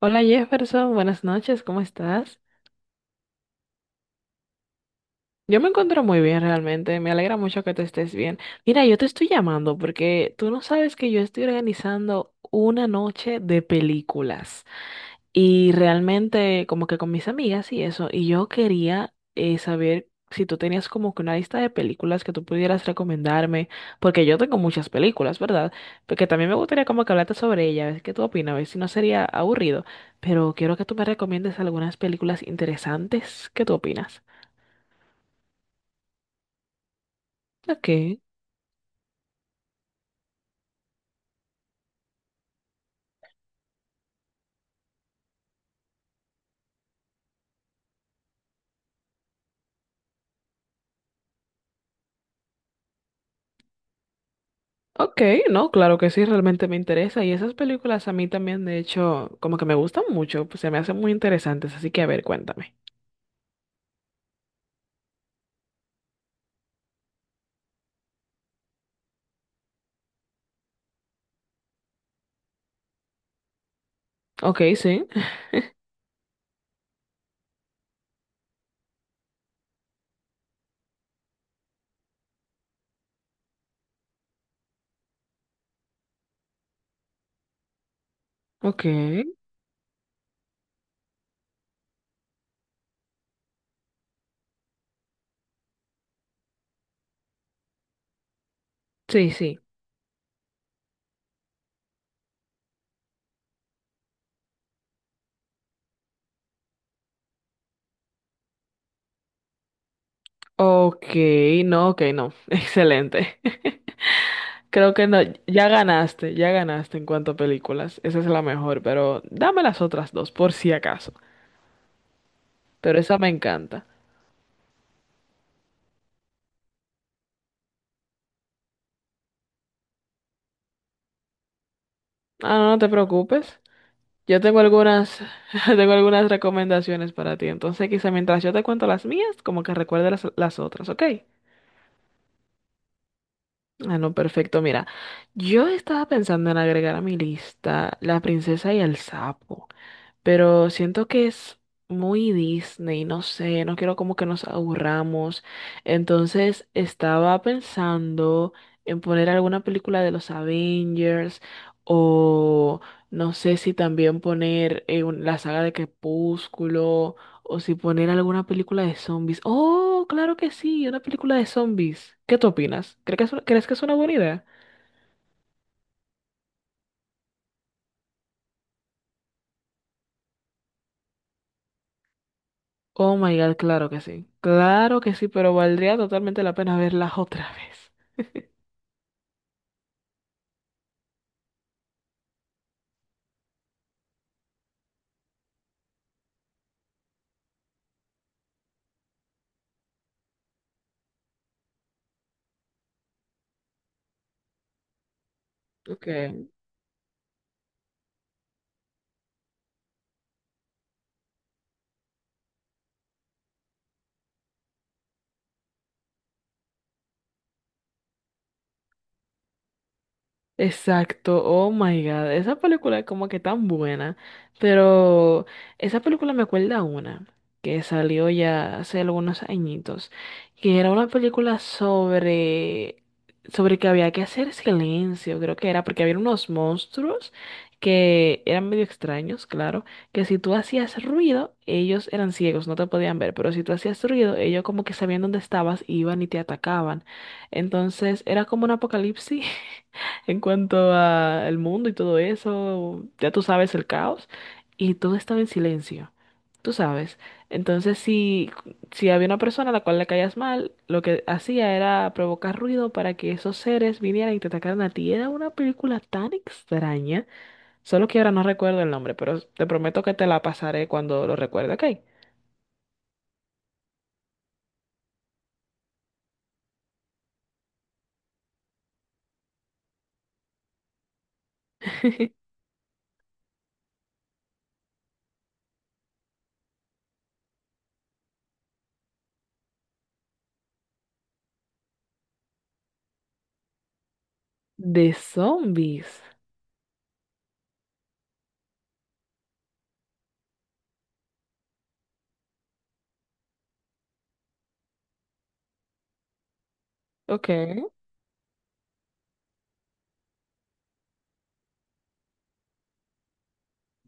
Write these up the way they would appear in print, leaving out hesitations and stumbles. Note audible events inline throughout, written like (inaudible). Hola Jefferson, buenas noches, ¿cómo estás? Yo me encuentro muy bien realmente, me alegra mucho que tú estés bien. Mira, yo te estoy llamando porque tú no sabes que yo estoy organizando una noche de películas y realmente como que con mis amigas y eso, y yo quería saber si tú tenías como que una lista de películas que tú pudieras recomendarme, porque yo tengo muchas películas, ¿verdad? Porque también me gustaría como que hablarte sobre ellas, a ver qué tú opinas, a ver si no sería aburrido, pero quiero que tú me recomiendes algunas películas interesantes, ¿qué tú opinas? Ok. Ok, no, claro que sí, realmente me interesa. Y esas películas a mí también, de hecho, como que me gustan mucho, pues se me hacen muy interesantes, así que a ver, cuéntame. Ok, sí, ok, sí, sí. Ok, no, ok, no, (laughs) excelente. (laughs) Creo que no, ya ganaste en cuanto a películas, esa es la mejor, pero dame las otras dos, por si acaso. Pero esa me encanta. Ah, no, no te preocupes. Yo tengo algunas, (laughs) tengo algunas recomendaciones para ti. Entonces, quizá mientras yo te cuento las mías, como que recuerde las otras, ¿ok? Ah, no, perfecto. Mira, yo estaba pensando en agregar a mi lista La princesa y el sapo, pero siento que es muy Disney, no sé, no quiero como que nos aburramos. Entonces estaba pensando en poner alguna película de los Avengers o no sé si también poner la saga de Crepúsculo o si poner alguna película de zombies. Oh, claro que sí, una película de zombies. ¿Qué tú opinas? ¿Crees que es una buena idea? Oh my God, claro que sí. Claro que sí, pero valdría totalmente la pena verla otra (laughs) vez. Okay. Exacto, oh my God, esa película es como que tan buena, pero esa película me acuerda a una que salió ya hace algunos añitos, que era una película sobre, sobre que había que hacer silencio, creo que era, porque había unos monstruos que eran medio extraños, claro, que si tú hacías ruido, ellos eran ciegos, no te podían ver, pero si tú hacías ruido, ellos como que sabían dónde estabas, iban y te atacaban, entonces era como un apocalipsis. (laughs) En cuanto a el mundo y todo eso, ya tú sabes, el caos y todo estaba en silencio. Tú sabes. Entonces, si, si había una persona a la cual le caías mal, lo que hacía era provocar ruido para que esos seres vinieran y te atacaran a ti. Era una película tan extraña. Solo que ahora no recuerdo el nombre, pero te prometo que te la pasaré cuando lo recuerde, ¿ok? (laughs) De zombies. Ok.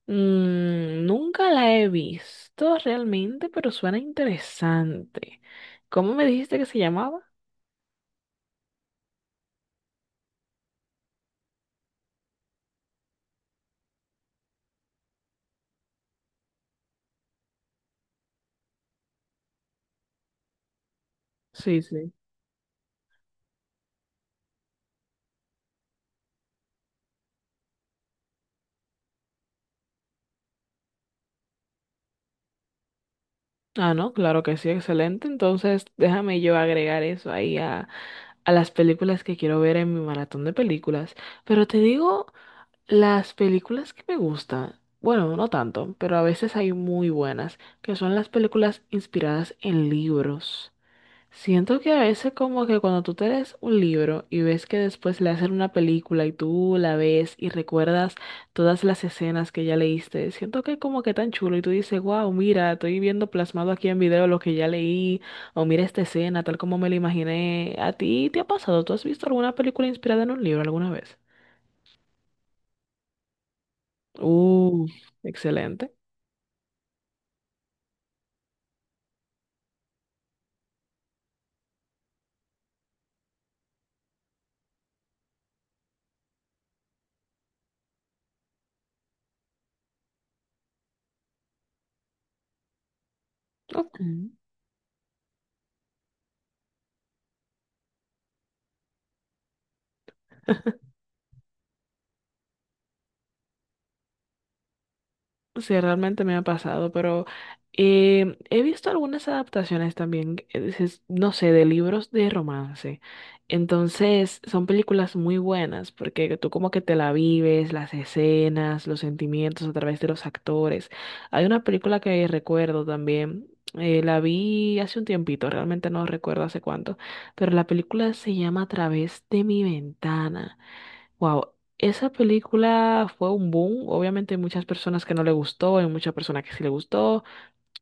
Mm, nunca la he visto realmente, pero suena interesante. ¿Cómo me dijiste que se llamaba? Sí, sí. Ah, no, claro que sí, excelente. Entonces, déjame yo agregar eso ahí a las películas que quiero ver en mi maratón de películas. Pero te digo, las películas que me gustan, bueno, no tanto, pero a veces hay muy buenas, que son las películas inspiradas en libros. Siento que a veces como que cuando tú te lees un libro y ves que después le hacen una película y tú la ves y recuerdas todas las escenas que ya leíste, siento que como que tan chulo y tú dices, wow, mira, estoy viendo plasmado aquí en video lo que ya leí, o mira esta escena tal como me la imaginé. ¿A ti te ha pasado? ¿Tú has visto alguna película inspirada en un libro alguna vez? Uh, excelente. Ok. Sí, realmente me ha pasado, pero he visto algunas adaptaciones también, no sé, de libros de romance. Entonces, son películas muy buenas porque tú como que te la vives, las escenas, los sentimientos a través de los actores. Hay una película que recuerdo también, la vi hace un tiempito, realmente no recuerdo hace cuánto, pero la película se llama A través de mi ventana. Wow, esa película fue un boom. Obviamente hay muchas personas que no le gustó, hay muchas personas que sí le gustó.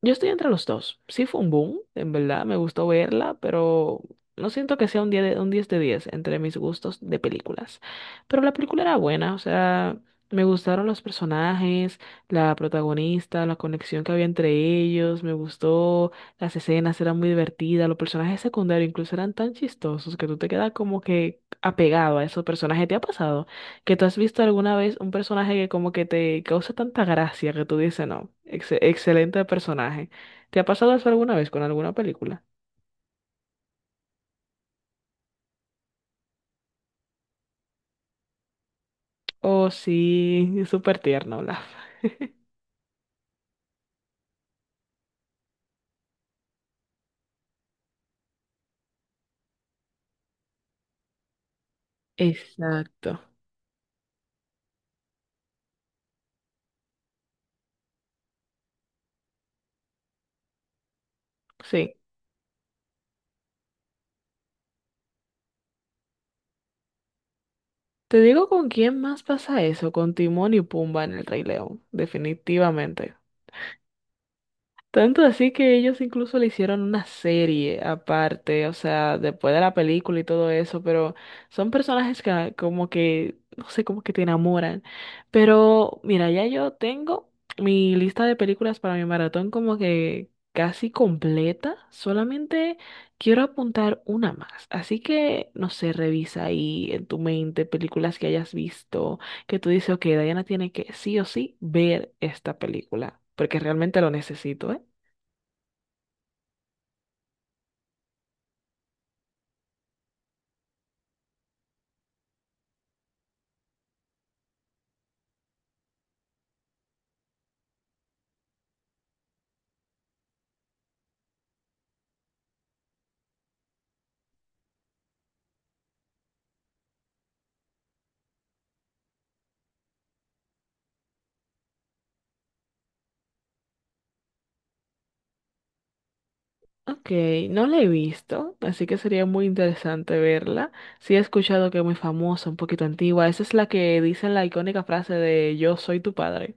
Yo estoy entre los dos. Sí fue un boom, en verdad, me gustó verla, pero no siento que sea un 10 de 10 entre mis gustos de películas. Pero la película era buena, o sea, me gustaron los personajes, la protagonista, la conexión que había entre ellos, me gustó, las escenas eran muy divertidas, los personajes secundarios incluso eran tan chistosos que tú te quedas como que apegado a esos personajes. ¿Te ha pasado? ¿Que tú has visto alguna vez un personaje que como que te causa tanta gracia que tú dices, no, excelente personaje? ¿Te ha pasado eso alguna vez con alguna película? Oh, sí, es súper tierno, Olaf. Exacto, sí. Te digo con quién más pasa eso, con Timón y Pumba en El Rey León, definitivamente. Tanto así que ellos incluso le hicieron una serie aparte, o sea, después de la película y todo eso, pero son personajes que como que, no sé, como que te enamoran. Pero mira, ya yo tengo mi lista de películas para mi maratón como que casi completa, solamente quiero apuntar una más. Así que, no sé, revisa ahí en tu mente películas que hayas visto, que tú dices, ok, Diana tiene que sí o sí ver esta película, porque realmente lo necesito, ¿eh? Ok, no la he visto, así que sería muy interesante verla. Sí he escuchado que es muy famosa, un poquito antigua. Esa es la que dice la icónica frase de Yo soy tu padre.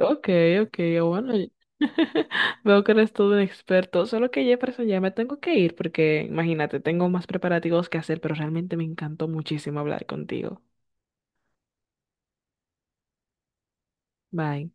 Ok, ok, bueno. Y (laughs) veo que eres todo un experto, solo que Jefferson ya me tengo que ir porque imagínate, tengo más preparativos que hacer, pero realmente me encantó muchísimo hablar contigo. Bye.